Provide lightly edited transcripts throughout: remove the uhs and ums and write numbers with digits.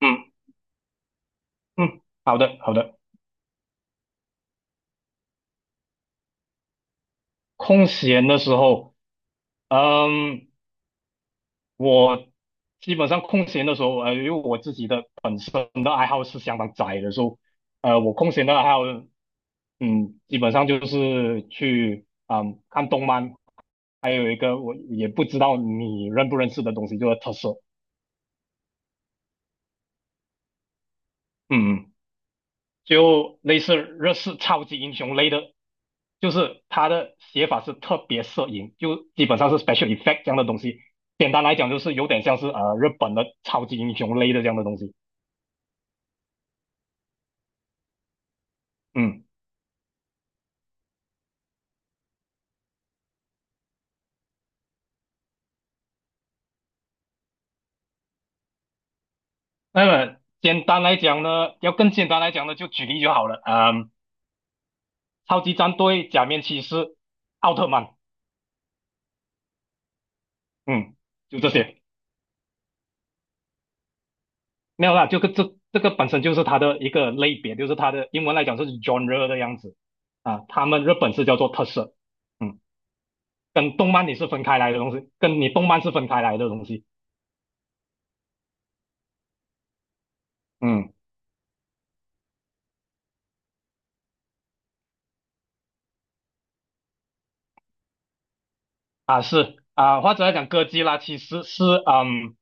嗯嗯，好的好的。空闲的时候，嗯，我基本上空闲的时候，因为我自己的本身的爱好是相当窄的，所以，我空闲的爱好，嗯，基本上就是去，嗯，看动漫，还有一个我也不知道你认不认识的东西，就是特色，嗯。就类似日式超级英雄类的，就是它的写法是特别摄影，就基本上是 special effect 这样的东西。简单来讲，就是有点像是日本的超级英雄类的这样的东西。嗯，那么简单来讲呢，要更简单来讲呢，就举例就好了。嗯，超级战队、假面骑士、奥特曼，嗯，就这些。没有啦，就这个本身就是它的一个类别，就是它的英文来讲是 genre 的样子啊，他们日本是叫做特色。嗯。跟动漫你是分开来的东西，跟你动漫是分开来的东西。嗯或者来讲，哥吉拉其实是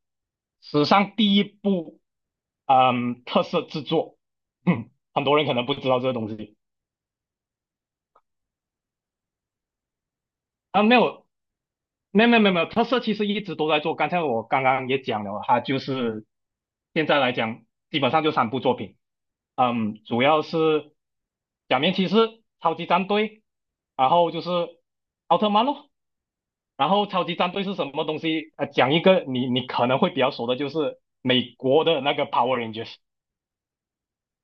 史上第一部特色制作，嗯，很多人可能不知道这个东西啊，没有。没有没有没有没有，特色其实一直都在做。刚才我刚刚也讲了，它就是现在来讲，基本上就3部作品。嗯，主要是《假面骑士》、《超级战队》，然后就是奥特曼咯。然后超级战队是什么东西？讲一个你可能会比较熟的，就是美国的那个 Power Rangers，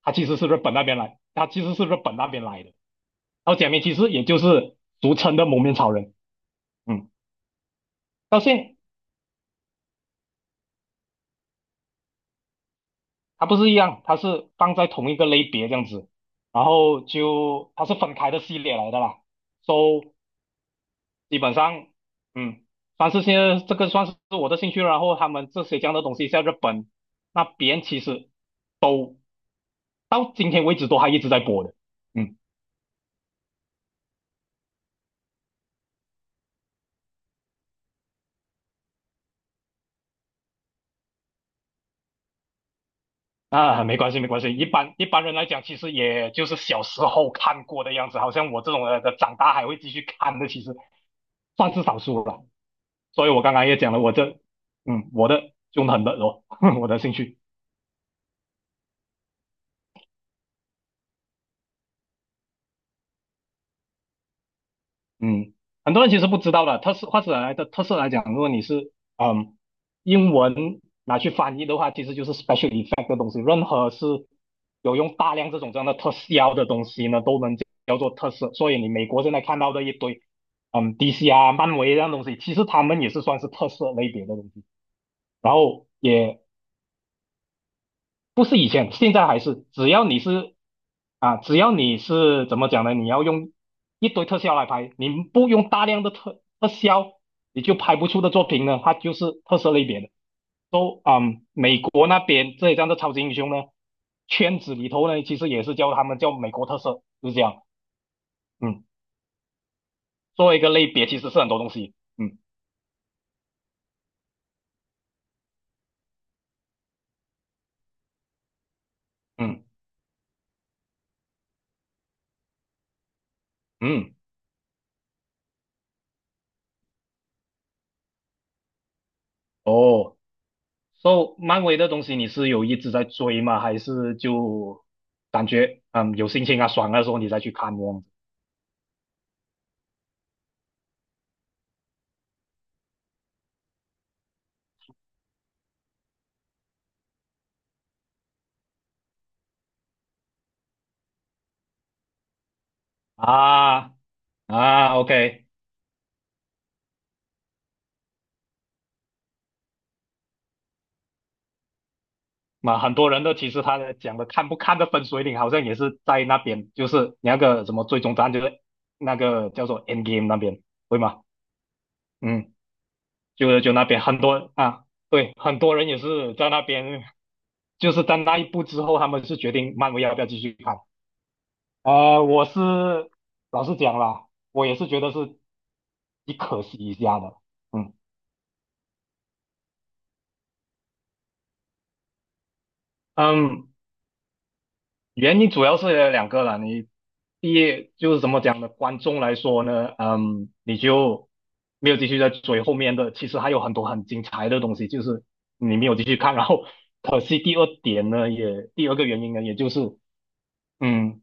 它其实是日本那边来的。然后假面骑士也就是俗称的蒙面超人，嗯，到现它不是一样，它是放在同一个类别这样子，然后就它是分开的系列来的啦。So 基本上，嗯，算是现在这个算是我的兴趣。然后他们这些这样的东西在日本那边其实，都，到今天为止都还一直在播的。嗯啊，没关系没关系，一般人来讲，其实也就是小时候看过的样子，好像我这种人的长大还会继续看的，其实算是少数了。所以我刚刚也讲了，我这嗯我的凶狠的哦，我的兴趣。嗯，很多人其实不知道的，特色来讲，如果你是英文拿去翻译的话，其实就是 special effect 的东西。任何是有用大量这种这样的特效的东西呢，都能叫做特色。所以你美国现在看到的一堆DC 啊、漫威这样东西，其实他们也是算是特色类别的东西。然后也不是以前，现在还是，只要你是怎么讲呢？你要用一堆特效来拍，你不用大量的特效，你就拍不出的作品呢，它就是特色类别的。都啊，美国那边这一张的超级英雄呢，圈子里头呢，其实也是叫他们叫美国特色，就是这样。嗯，作为一个类别，其实是很多东西。嗯嗯嗯，哦。So，漫威的东西你是有一直在追吗？还是就感觉有心情啊爽的时候你再去看这样子啊啊？OK，那很多人都其实他的讲的看不看的分水岭好像也是在那边，就是那个什么最终答案就是那个叫做 End Game 那边，对吗？嗯，就那边很多啊，对，很多人也是在那边，就是在那一步之后，他们是决定漫威要不要继续看。我是老实讲啦，我也是觉得是挺可惜一下的。嗯嗯，原因主要是有2个啦。你第一就是怎么讲呢？观众来说呢，嗯，你就没有继续在追后面的，其实还有很多很精彩的东西，就是你没有继续看。然后可惜第二点呢，也第二个原因呢，也就是嗯，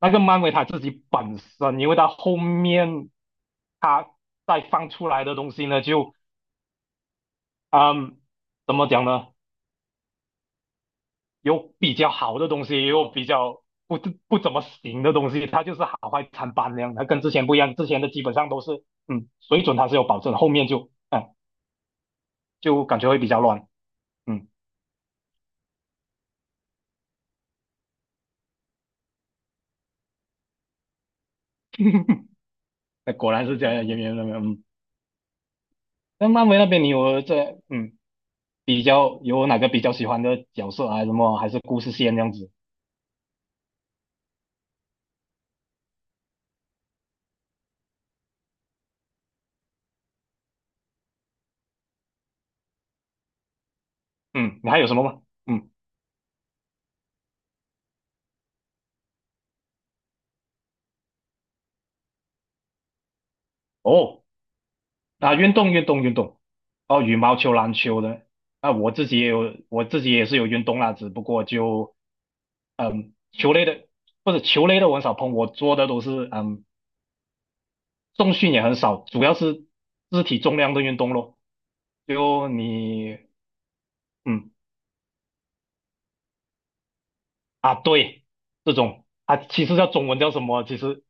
那个漫威他自己本身，因为他后面他再放出来的东西呢，就。啊、怎么讲呢？有比较好的东西，也有比较不怎么行的东西，它就是好坏参半那样。它跟之前不一样，之前的基本上都是，嗯，水准它是有保证，后面就，嗯，就感觉会比较乱。嗯，那果然是这样，演员那边，嗯，那漫威那边你有这，嗯，比较有哪个比较喜欢的角色啊？什么还是故事线这样子？嗯，你还有什么吗？嗯，哦。啊，运动运动运动，哦，羽毛球、篮球的，啊，我自己也有，我自己也是有运动啦，只不过就嗯，球类的我很少碰，我做的都是嗯，重训也很少，主要是肢体重量的运动咯。就你嗯啊，对，这种啊，其实叫中文叫什么？其实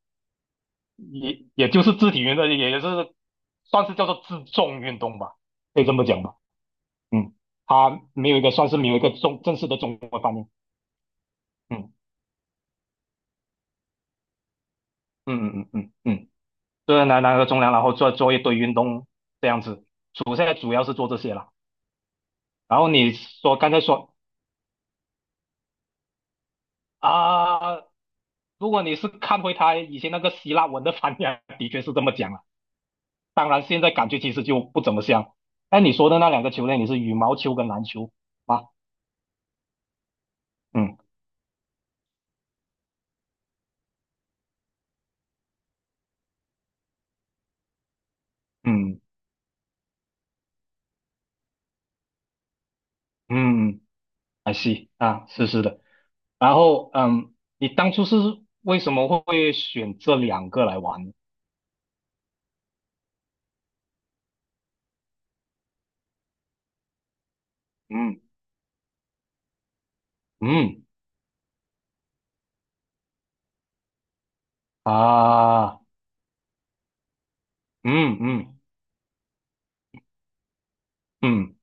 也就是肢体运动，也就是算是叫做自重运动吧，可以这么讲吧。嗯，它没有一个重正式的中文方面，嗯。嗯嗯嗯嗯，就是拿个中粮，然后做一堆运动这样子。主现在主要是做这些了。然后你说刚才说啊，如果你是看回他以前那个希腊文的翻译啊的确是这么讲了。当然现在感觉其实就不怎么像。哎，你说的那两个球类，你是羽毛球跟篮球吗？嗯嗯嗯还 s 啊，是是的。然后嗯，你当初是为什么会选这两个来玩呢？嗯嗯啊。嗯嗯嗯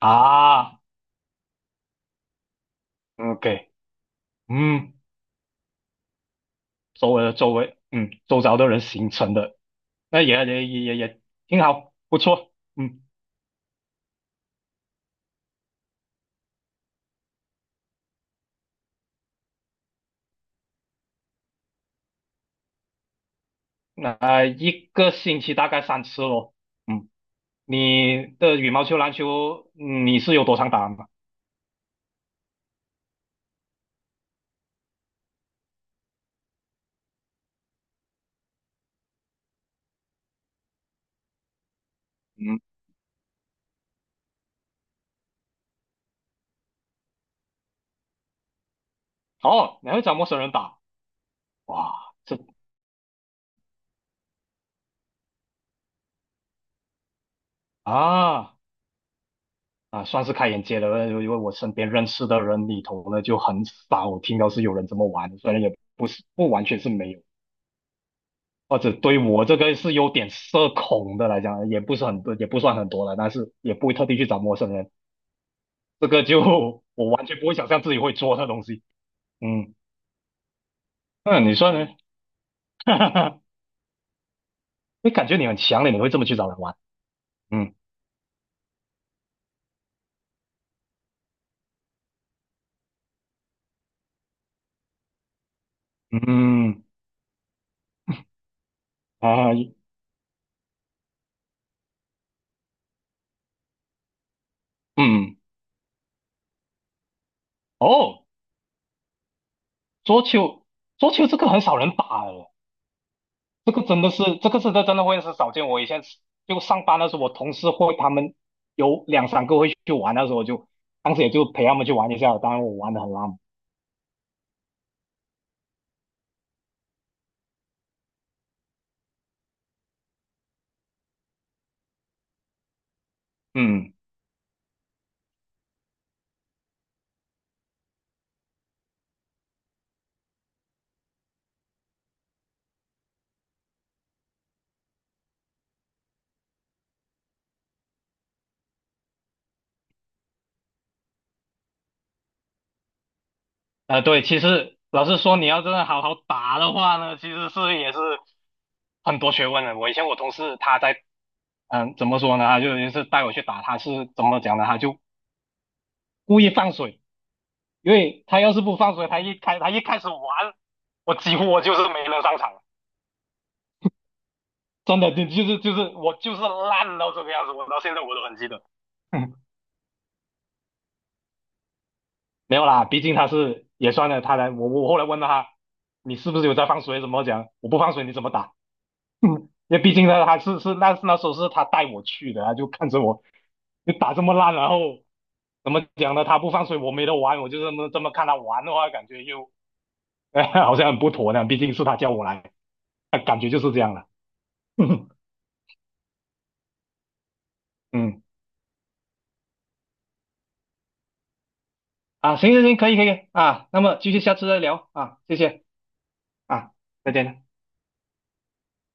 啊，OK，嗯，周围的周围，嗯，周遭的人形成的，那也挺好，不错，嗯，那、一个星期大概3次咯，嗯，你的羽毛球、篮球，嗯你是有多常打吗？嗯，哦，你还会找陌生人打，哇，这啊啊，算是开眼界了，因为我身边认识的人里头呢，就很少听到是有人这么玩的，虽然也不完全是没有。或者对我这个是有点社恐的来讲，也不是很多，也不算很多了，但是也不会特地去找陌生人，这个就 我完全不会想象自己会做那东西。嗯，那你说呢？哈哈，你感觉你很强烈，你会这么去找人玩？嗯嗯啊嗯哦，桌球。桌球这个很少人打诶，这个真的是这个是真的真的会是少见。我以前就上班的时候，我同事会他们有两三个会去玩，的时候我就当时也就陪他们去玩一下，当然我玩的很烂。嗯，对，其实老实说，你要真的好好打的话呢，其实是也是很多学问的。我以前我同事他在，嗯、怎么说呢？他就也是带我去打，他是怎么讲呢？他就故意放水，因为他要是不放水，他一开始玩，我几乎我就是没能上场，真的，我就是烂到这个样子，我到现在我都很记得。嗯，没有啦，毕竟他是也算了，他来我后来问了他，你是不是有在放水？怎么讲？我不放水你怎么打？嗯，也毕竟呢，还是那时候是他带我去的，他就看着我就打这么烂，然后怎么讲呢？他不放水，我没得玩，我就这么看他玩的话，感觉又、好像很不妥呢。毕竟是他叫我来，感觉就是这样了。嗯啊，行行行，可以可以啊，那么继续下次再聊啊，谢谢啊，再见。